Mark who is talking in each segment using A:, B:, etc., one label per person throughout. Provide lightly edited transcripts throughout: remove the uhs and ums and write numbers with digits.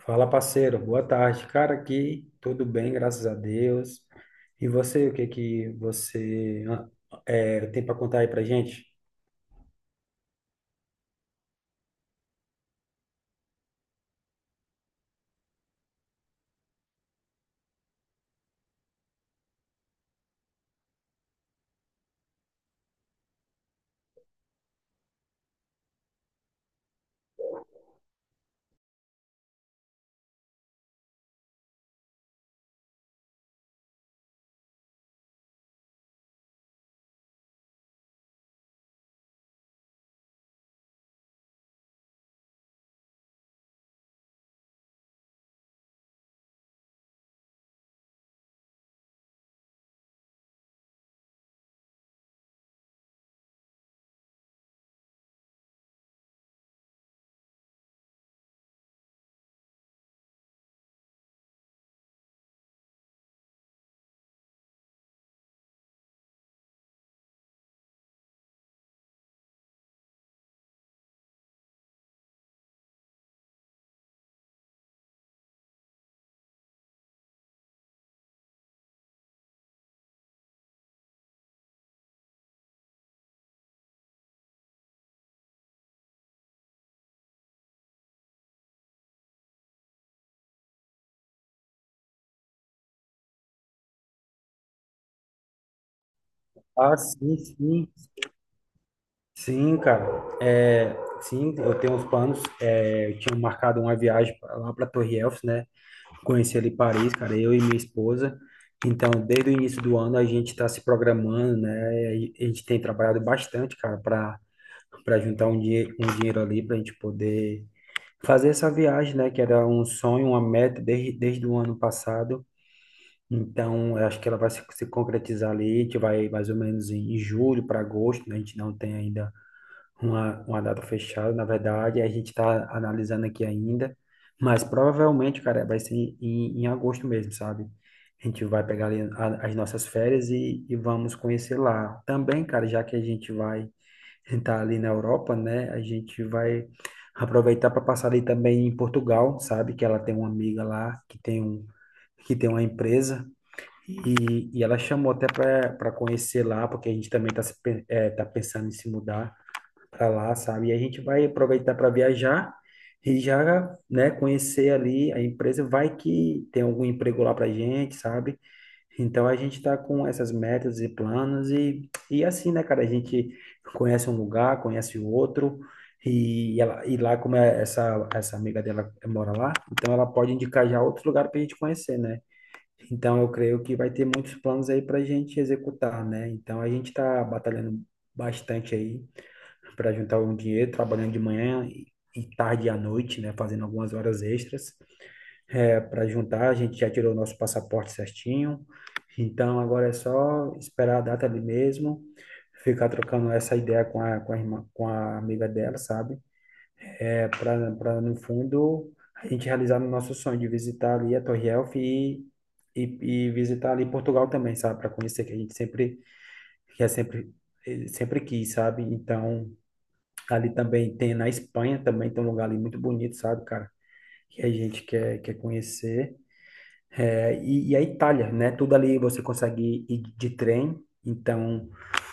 A: Fala, parceiro. Boa tarde. Cara, aqui tudo bem, graças a Deus. E você, o que que você é, tem para contar aí pra gente? Ah, sim, sim. Sim, cara. É, sim, eu tenho uns planos. É, eu tinha marcado uma viagem lá para Torre Eiffel, né? Conheci ali Paris, cara, eu e minha esposa. Então, desde o início do ano a gente está se programando, né? E a gente tem trabalhado bastante, cara, para juntar um dinheiro ali para a gente poder fazer essa viagem, né, que era um sonho, uma meta desde o ano passado. Então, eu acho que ela vai se concretizar ali, a gente vai mais ou menos em julho para agosto, né? A gente não tem ainda uma data fechada, na verdade, a gente está analisando aqui ainda, mas provavelmente, cara, vai ser em agosto mesmo, sabe? A gente vai pegar ali as nossas férias e vamos conhecer lá. Também, cara, já que a gente vai está ali na Europa, né? A gente vai aproveitar para passar ali também em Portugal, sabe? Que ela tem uma amiga lá que tem uma empresa e ela chamou até para conhecer lá, porque a gente também está é, tá pensando em se mudar para lá, sabe? E a gente vai aproveitar para viajar e já, né? Conhecer ali a empresa, vai que tem algum emprego lá para gente, sabe? Então a gente tá com essas metas e planos e assim, né, cara? A gente conhece um lugar, conhece o outro e, ela, e lá como é essa amiga dela mora lá, então ela pode indicar já outro lugar para a gente conhecer, né? Então eu creio que vai ter muitos planos aí para a gente executar, né? Então a gente tá batalhando bastante aí para juntar um dinheiro, trabalhando de manhã e tarde e à noite, né? Fazendo algumas horas extras é, para juntar. A gente já tirou o nosso passaporte certinho. Então agora é só esperar a data ali mesmo, ficar trocando essa ideia com a irmã, com a amiga dela, sabe? É, para no fundo a gente realizar o nosso sonho de visitar ali a Torre Eiffel e, e visitar ali Portugal também, sabe? Para conhecer que a gente sempre que é sempre sempre quis, sabe? Então ali também tem na Espanha também tem um lugar ali muito bonito, sabe, cara? Que a gente quer conhecer. É, e a Itália, né? Tudo ali você consegue ir de trem. Então,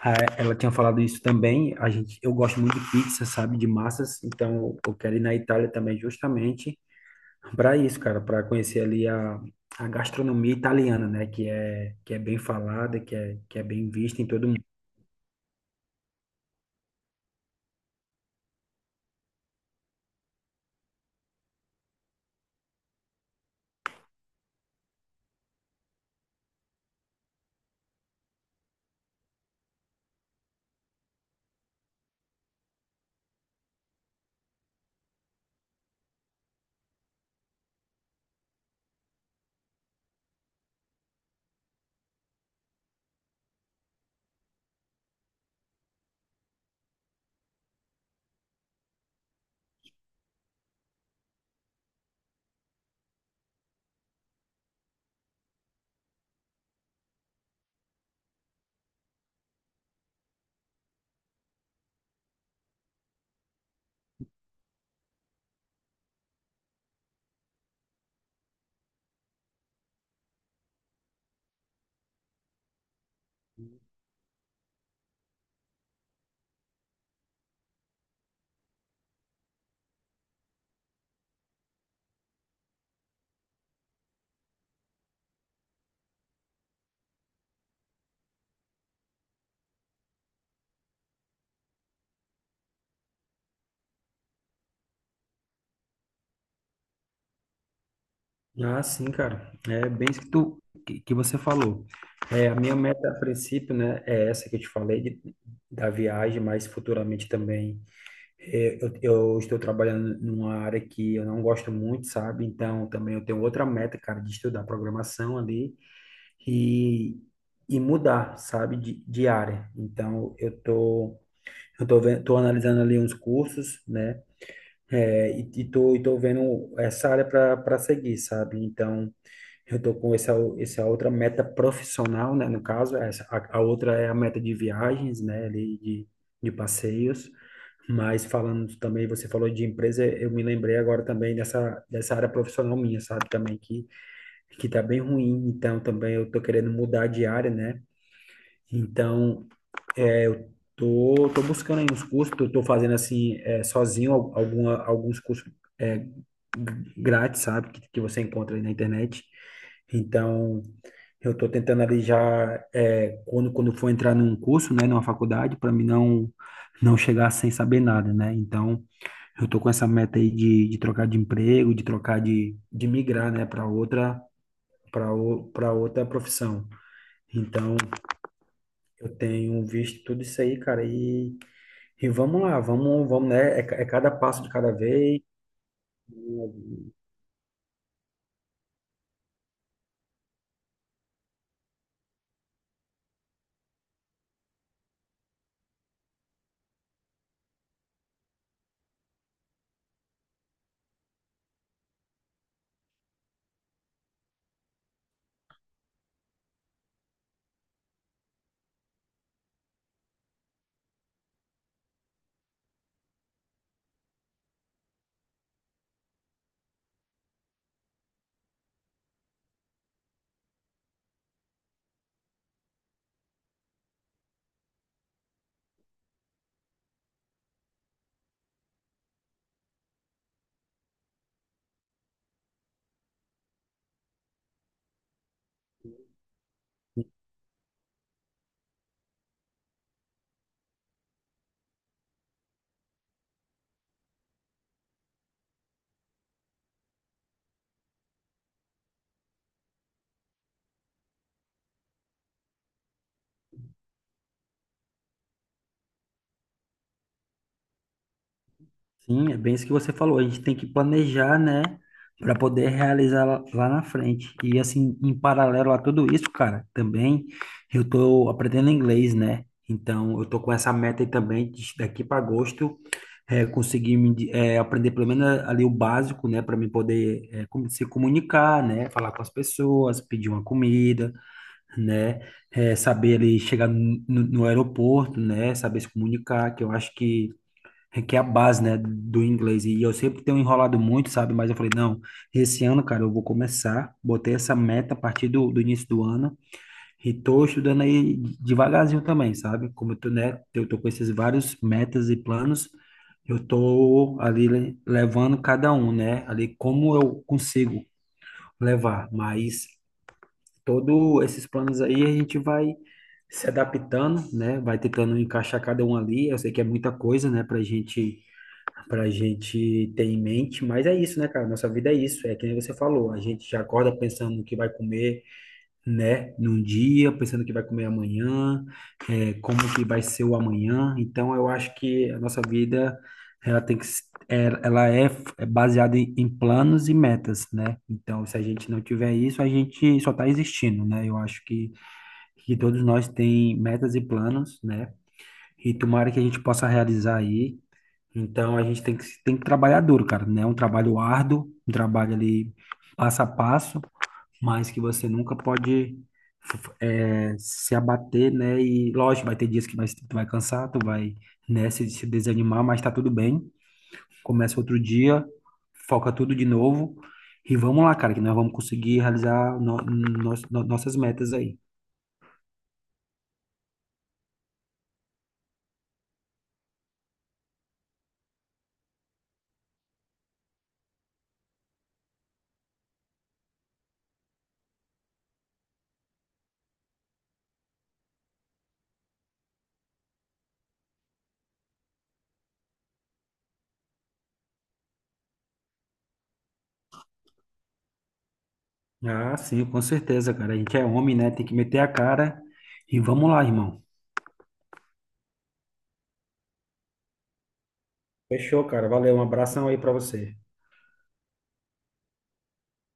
A: ah, ela tinha falado isso também. A gente, eu gosto muito de pizza, sabe? De massas. Então, eu quero ir na Itália também justamente para isso, cara, para conhecer ali a gastronomia italiana, né? Que é bem falada, que é bem vista em todo mundo. Ah, sim, cara. É bem isso que você falou. É, a minha meta a princípio, né, é essa que eu te falei de, da viagem, mas futuramente também é, eu estou trabalhando numa área que eu não gosto muito, sabe? Então, também eu tenho outra meta, cara, de estudar programação ali e, e mudar, sabe, de área. Então, eu tô vendo, tô analisando ali uns cursos, né? É, e, e tô vendo essa área para seguir, sabe? Então, eu tô com essa outra meta profissional, né? No caso, a outra é a meta de viagens, né? Ali de passeios. Mas falando também, você falou de empresa, eu me lembrei agora também dessa área profissional minha, sabe? Também que tá bem ruim, então também eu tô querendo mudar de área, né? Então, é, eu tô, tô buscando aí uns cursos, tô fazendo assim, é, sozinho, alguma, alguns cursos é, g- grátis, sabe, que você encontra aí na internet. Então, eu tô tentando ali já, é, quando for entrar num curso, né, numa faculdade, para mim não, não chegar sem saber nada, né? Então, eu tô com essa meta aí de trocar de emprego, de trocar de migrar, né, para outra, para para outra profissão. Então, eu tenho visto tudo isso aí, cara, e vamos lá, vamos, né? É, é cada passo de cada vez. Sim, é bem isso que você falou. A gente tem que planejar, né, para poder realizar lá na frente. E assim, em paralelo a tudo isso, cara, também eu tô aprendendo inglês, né? Então, eu tô com essa meta aí também de daqui para agosto é, aprender pelo menos ali o básico, né, para me poder é, se comunicar, né, falar com as pessoas, pedir uma comida, né, é, saber ali chegar no aeroporto, né, saber se comunicar, que eu acho que é a base, né, do inglês. E eu sempre tenho enrolado muito, sabe? Mas eu falei, não, esse ano, cara, eu vou começar. Botei essa meta a partir do, do início do ano. E tô estudando aí devagarzinho também, sabe? Como eu tô, né, eu tô com esses vários metas e planos, eu tô ali levando cada um, né? Ali como eu consigo levar, mas todos esses planos aí a gente vai se adaptando, né? Vai tentando encaixar cada um ali. Eu sei que é muita coisa, né, pra gente ter em mente, mas é isso, né, cara? Nossa vida é isso, é que nem você falou, a gente já acorda pensando no que vai comer, né, num dia, pensando que vai comer amanhã, é, como que vai ser o amanhã. Então, eu acho que a nossa vida, ela tem que, ela é baseada em, em planos e metas, né? Então, se a gente não tiver isso, a gente só está existindo, né? Eu acho que todos nós tem metas e planos, né? E tomara que a gente possa realizar aí. Então, a gente tem que trabalhar duro, cara, né? Um trabalho árduo, um trabalho ali passo a passo, mas que você nunca pode se abater, né? E lógico, vai ter dias tu vai cansar, tu vai, né, se desanimar, mas tá tudo bem. Começa outro dia, foca tudo de novo e vamos lá, cara, que nós vamos conseguir realizar nossas metas aí. Ah, sim, com certeza, cara. A gente é homem, né? Tem que meter a cara e vamos lá, irmão. Fechou, cara. Valeu, um abração aí pra você.